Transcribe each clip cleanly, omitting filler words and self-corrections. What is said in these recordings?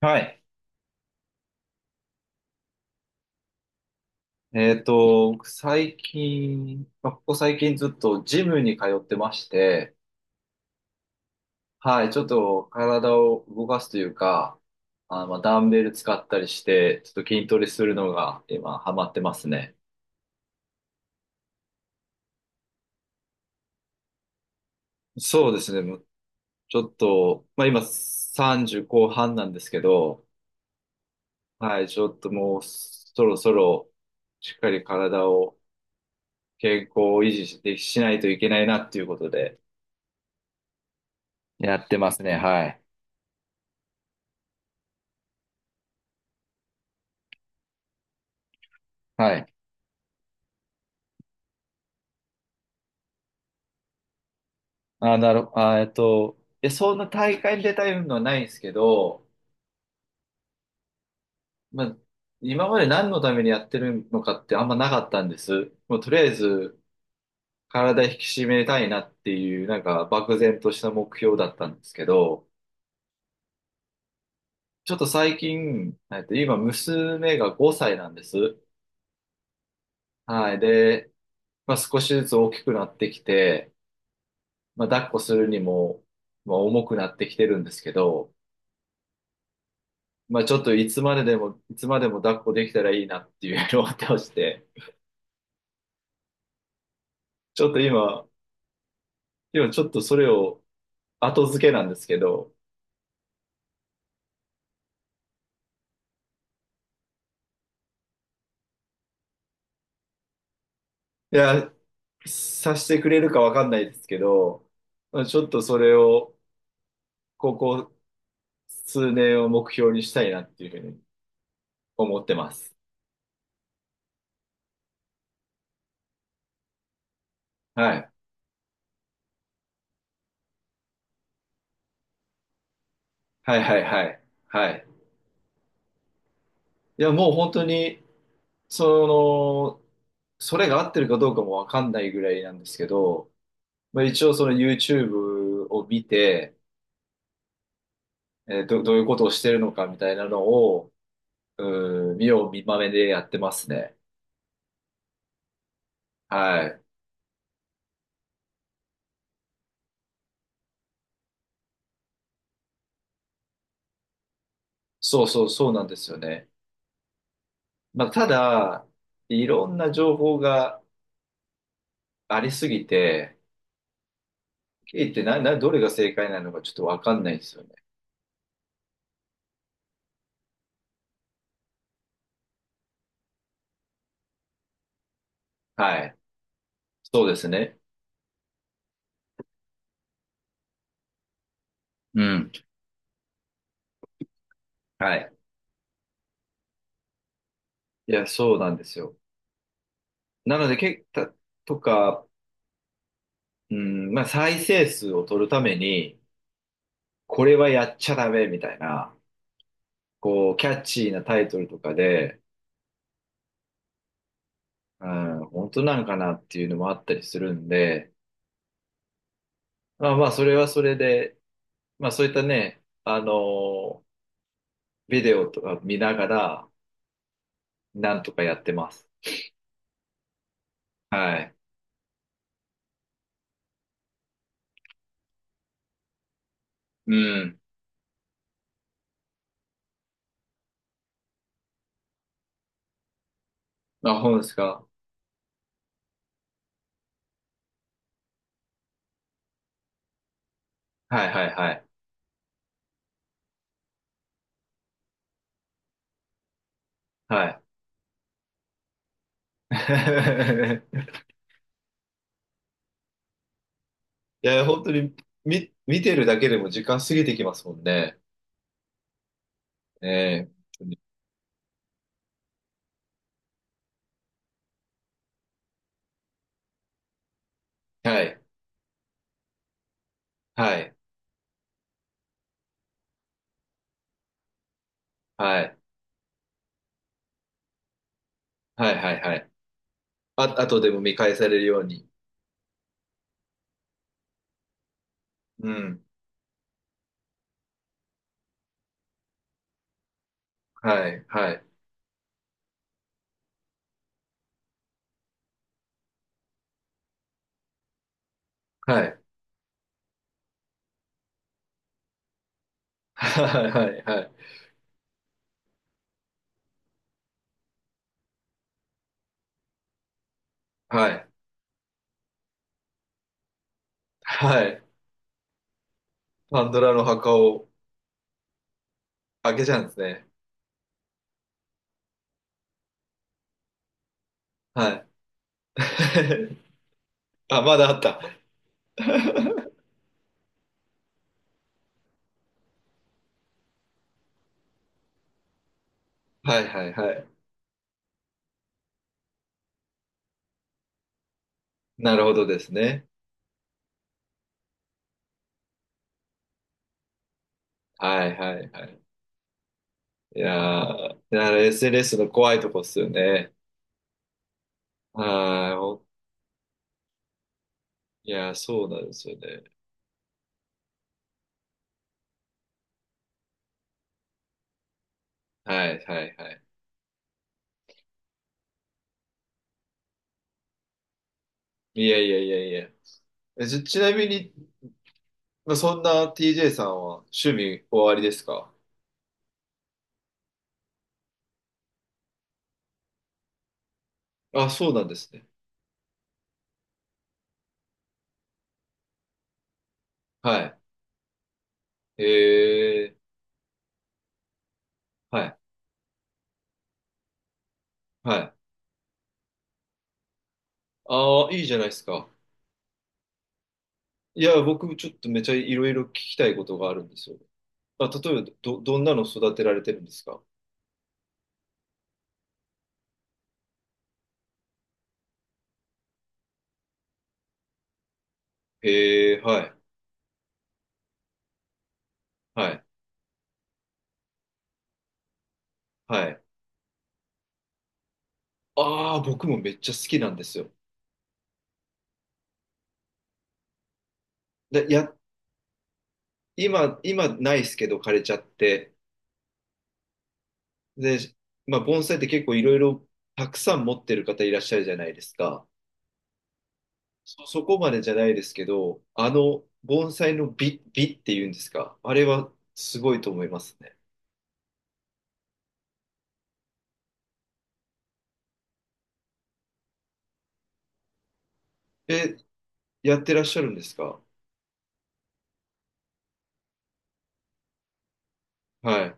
はい。僕最近、まあここ最近ずっとジムに通ってまして、はい、ちょっと体を動かすというか、あ、まあ、ダンベル使ったりして、ちょっと筋トレするのが今ハマってますね。そうですね、もうちょっと、まあ今30後半なんですけど、はい、ちょっともうそろそろしっかり健康を維持しないといけないなっていうことでやってますね、はい。はい。あー、なる、あー、えっと、いや、そんな大会に出たいのはないんですけど、まあ、今まで何のためにやってるのかってあんまなかったんです。もうとりあえず、体引き締めたいなっていう、なんか、漠然とした目標だったんですけど、ちょっと最近、今、娘が5歳なんです。はい。で、まあ、少しずつ大きくなってきて、まあ、抱っこするにも、まあ、重くなってきてるんですけど、まあちょっといつまでも抱っこできたらいいなっていうのをってまして、ちょっと今ちょっとそれを後付けなんですけど、いや、さしてくれるかわかんないですけど、まあ、ちょっとそれを、ここ数年を目標にしたいなっていうふうに思ってます。はい。はいはいはい。はい。いや、もう本当に、その、それが合ってるかどうかもわかんないぐらいなんですけど、まあ、一応その YouTube を見て、どういうことをしてるのかみたいなのを、見よう見まねでやってますね。はい。そうそうそうなんですよね。まあ、ただ、いろんな情報がありすぎて、聞いてな、な、どれが正解なのかちょっとわかんないんですよね。はい。そうですね。うん。はい。いや、そうなんですよ。なので、け、た、とか、うん、まあ、再生数を取るために、これはやっちゃダメみたいな、こう、キャッチーなタイトルとかで、うん、本当なんかなっていうのもあったりするんで、まあまあ、それはそれで、まあそういったね、ビデオとか見ながら、なんとかやってます。はい。うん。あ、本ですか？はいはいはい。はい。いや、本当に見てるだけでも時間過ぎてきますもんね。ええ本当にはい。はい。はい。はいはいはい。あ、あとでも見返されるように。うん。はい。はい。はい。はい。はい。はい。はい。はい。パンドラの墓を開けちゃうんですね。はい。あ、まだあった。はいはいはい。なるほどですね。はいはいはい。いやー、SNS の怖いとこっすよね。はい。おいやー、そうなんですよね。はいはいはい。いやいやいやいや。ちなみに、まあ、そんな TJ さんは趣味おありですか？あ、そうなんですね。はい。はい。はい。ああ、いいじゃないですか。いや、僕ちょっとめちゃいろいろ聞きたいことがあるんですよ。あ、例えばどんなの育てられてるんですか？へえ、はい、はい、はい。ああ、僕もめっちゃ好きなんですよ。で、今ないですけど枯れちゃって。で、まあ、盆栽って結構いろいろたくさん持ってる方いらっしゃるじゃないですか。そこまでじゃないですけど、あの盆栽の美っていうんですか？あれはすごいと思いますね。え、やってらっしゃるんですか？はい。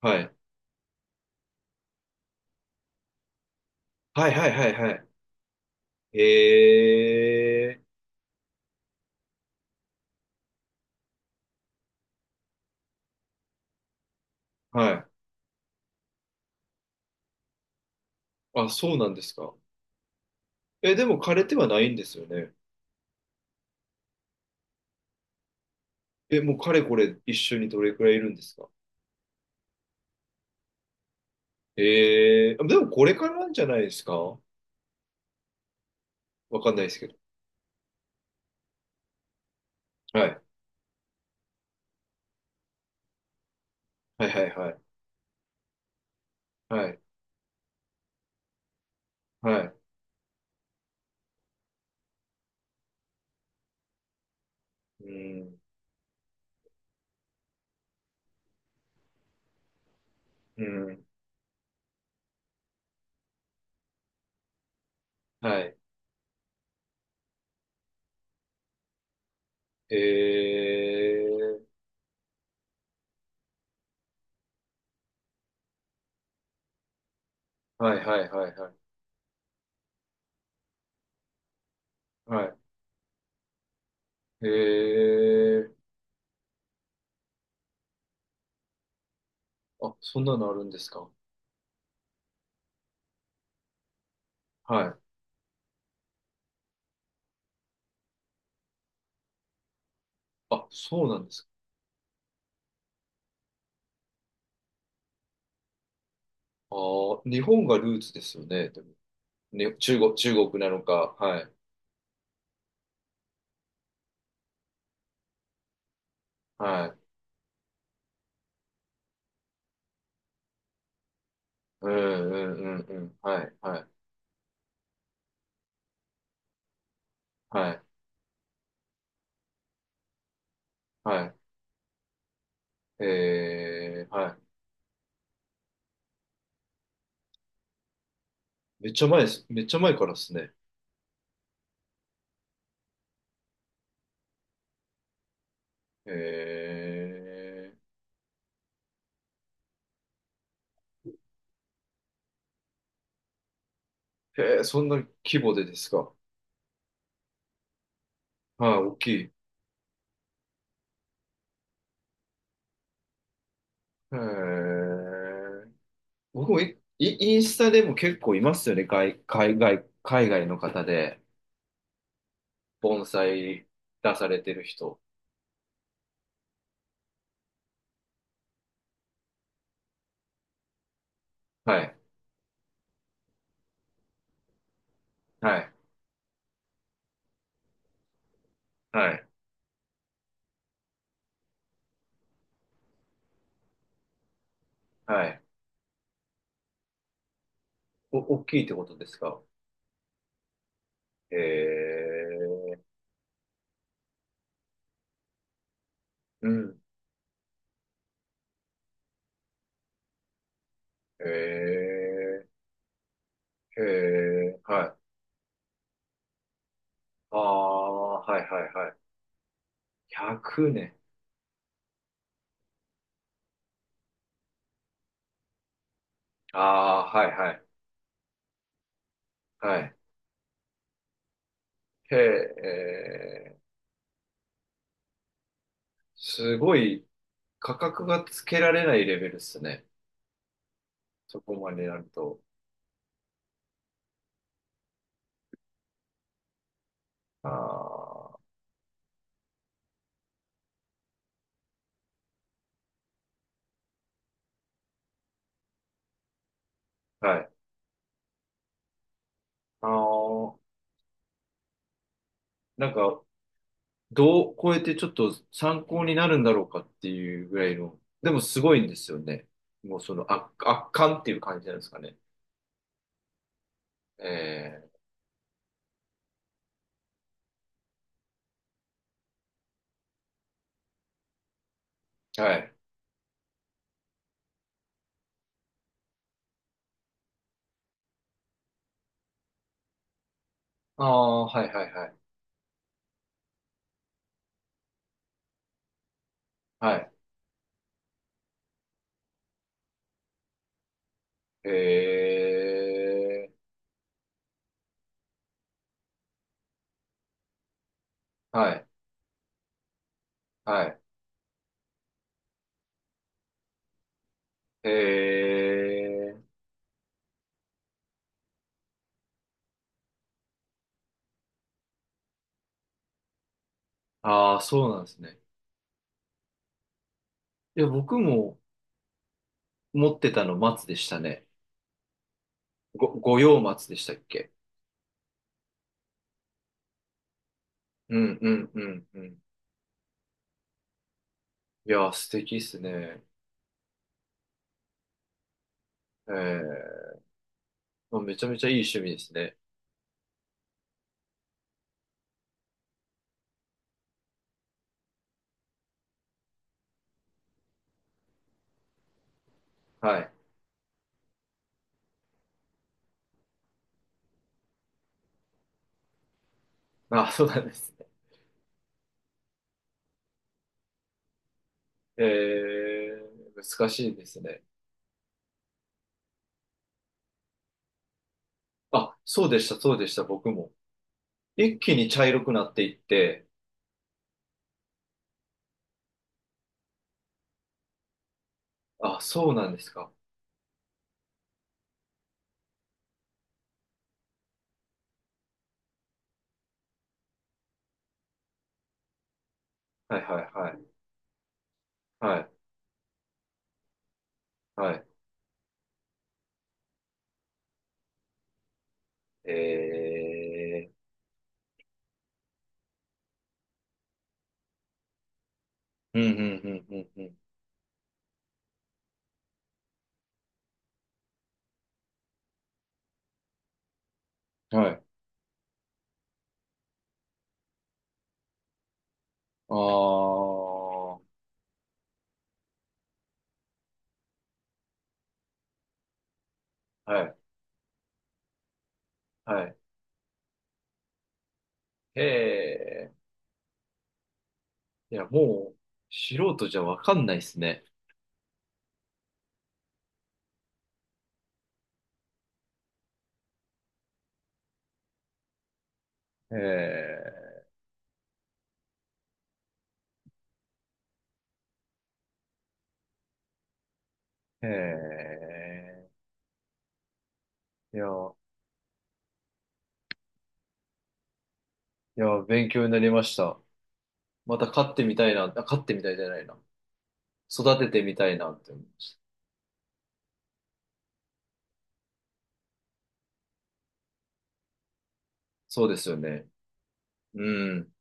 はい。はいはいはいはい。へえ。はい。あ、そうなんですか。え、でも枯れてはないんですよね。え、もうかれこれ一緒にどれくらいいるんですか？ええ。あでもこれからなんじゃないですか。わかんないですけど。はい。はいはいはい。はい。はい。うん。うん。はい。ええ。はいはいはいはい。はい。ええ。あ、そんなのあるんですか？はい。あ、そうなんですか。ああ、日本がルーツですよね。でもね、中国、中国なのか、はい、はい、うん、うん、うん、うん、はい、はい、はい、はい、はい。めっちゃ前です、めっちゃ前からですね。えへーそんな規模でですか？はい、大きい。えー、僕もイインスタでも結構いますよね、海外の方で、盆栽出されてる人。はい、はい、はい、はい。お、大きいってことですか？えうん。へえ、へえ、はい。ああ、はいはいはい。100年。ああ、はいはい。はい。へえ、すごい価格がつけられないレベルっすね。そこまでになると。ああ、はい。ああ、なんか、どう超えてちょっと参考になるんだろうかっていうぐらいの。でもすごいんですよね。もうその圧巻っていう感じなんですかね。ええ、はい。ああ、はいはいはい。はい。ええ、はい、はい。ええ、ああ、そうなんですね。いや、僕も持ってたの松でしたね。五葉松でしたっけ？うん、うん、うん、うん。いやー、素敵っすね。ええ、まあめちゃめちゃいい趣味ですね。はい。あ、そうなんですね。ええ、難しいですね。あ、そうでした、そうでした、僕も。一気に茶色くなっていって、あ、そうなんですか。はい、はい、はい。はい、はい。ええーうん、うん、うん、うん、うん。はい。ああ、はい、はい。へえ。いや、もう、素人じゃわかんないっすね。ええ、ええ。いや、いや、勉強になりました。また飼ってみたいな、あ、飼ってみたいじゃないな。育ててみたいなって思いました。そうですよね。うん。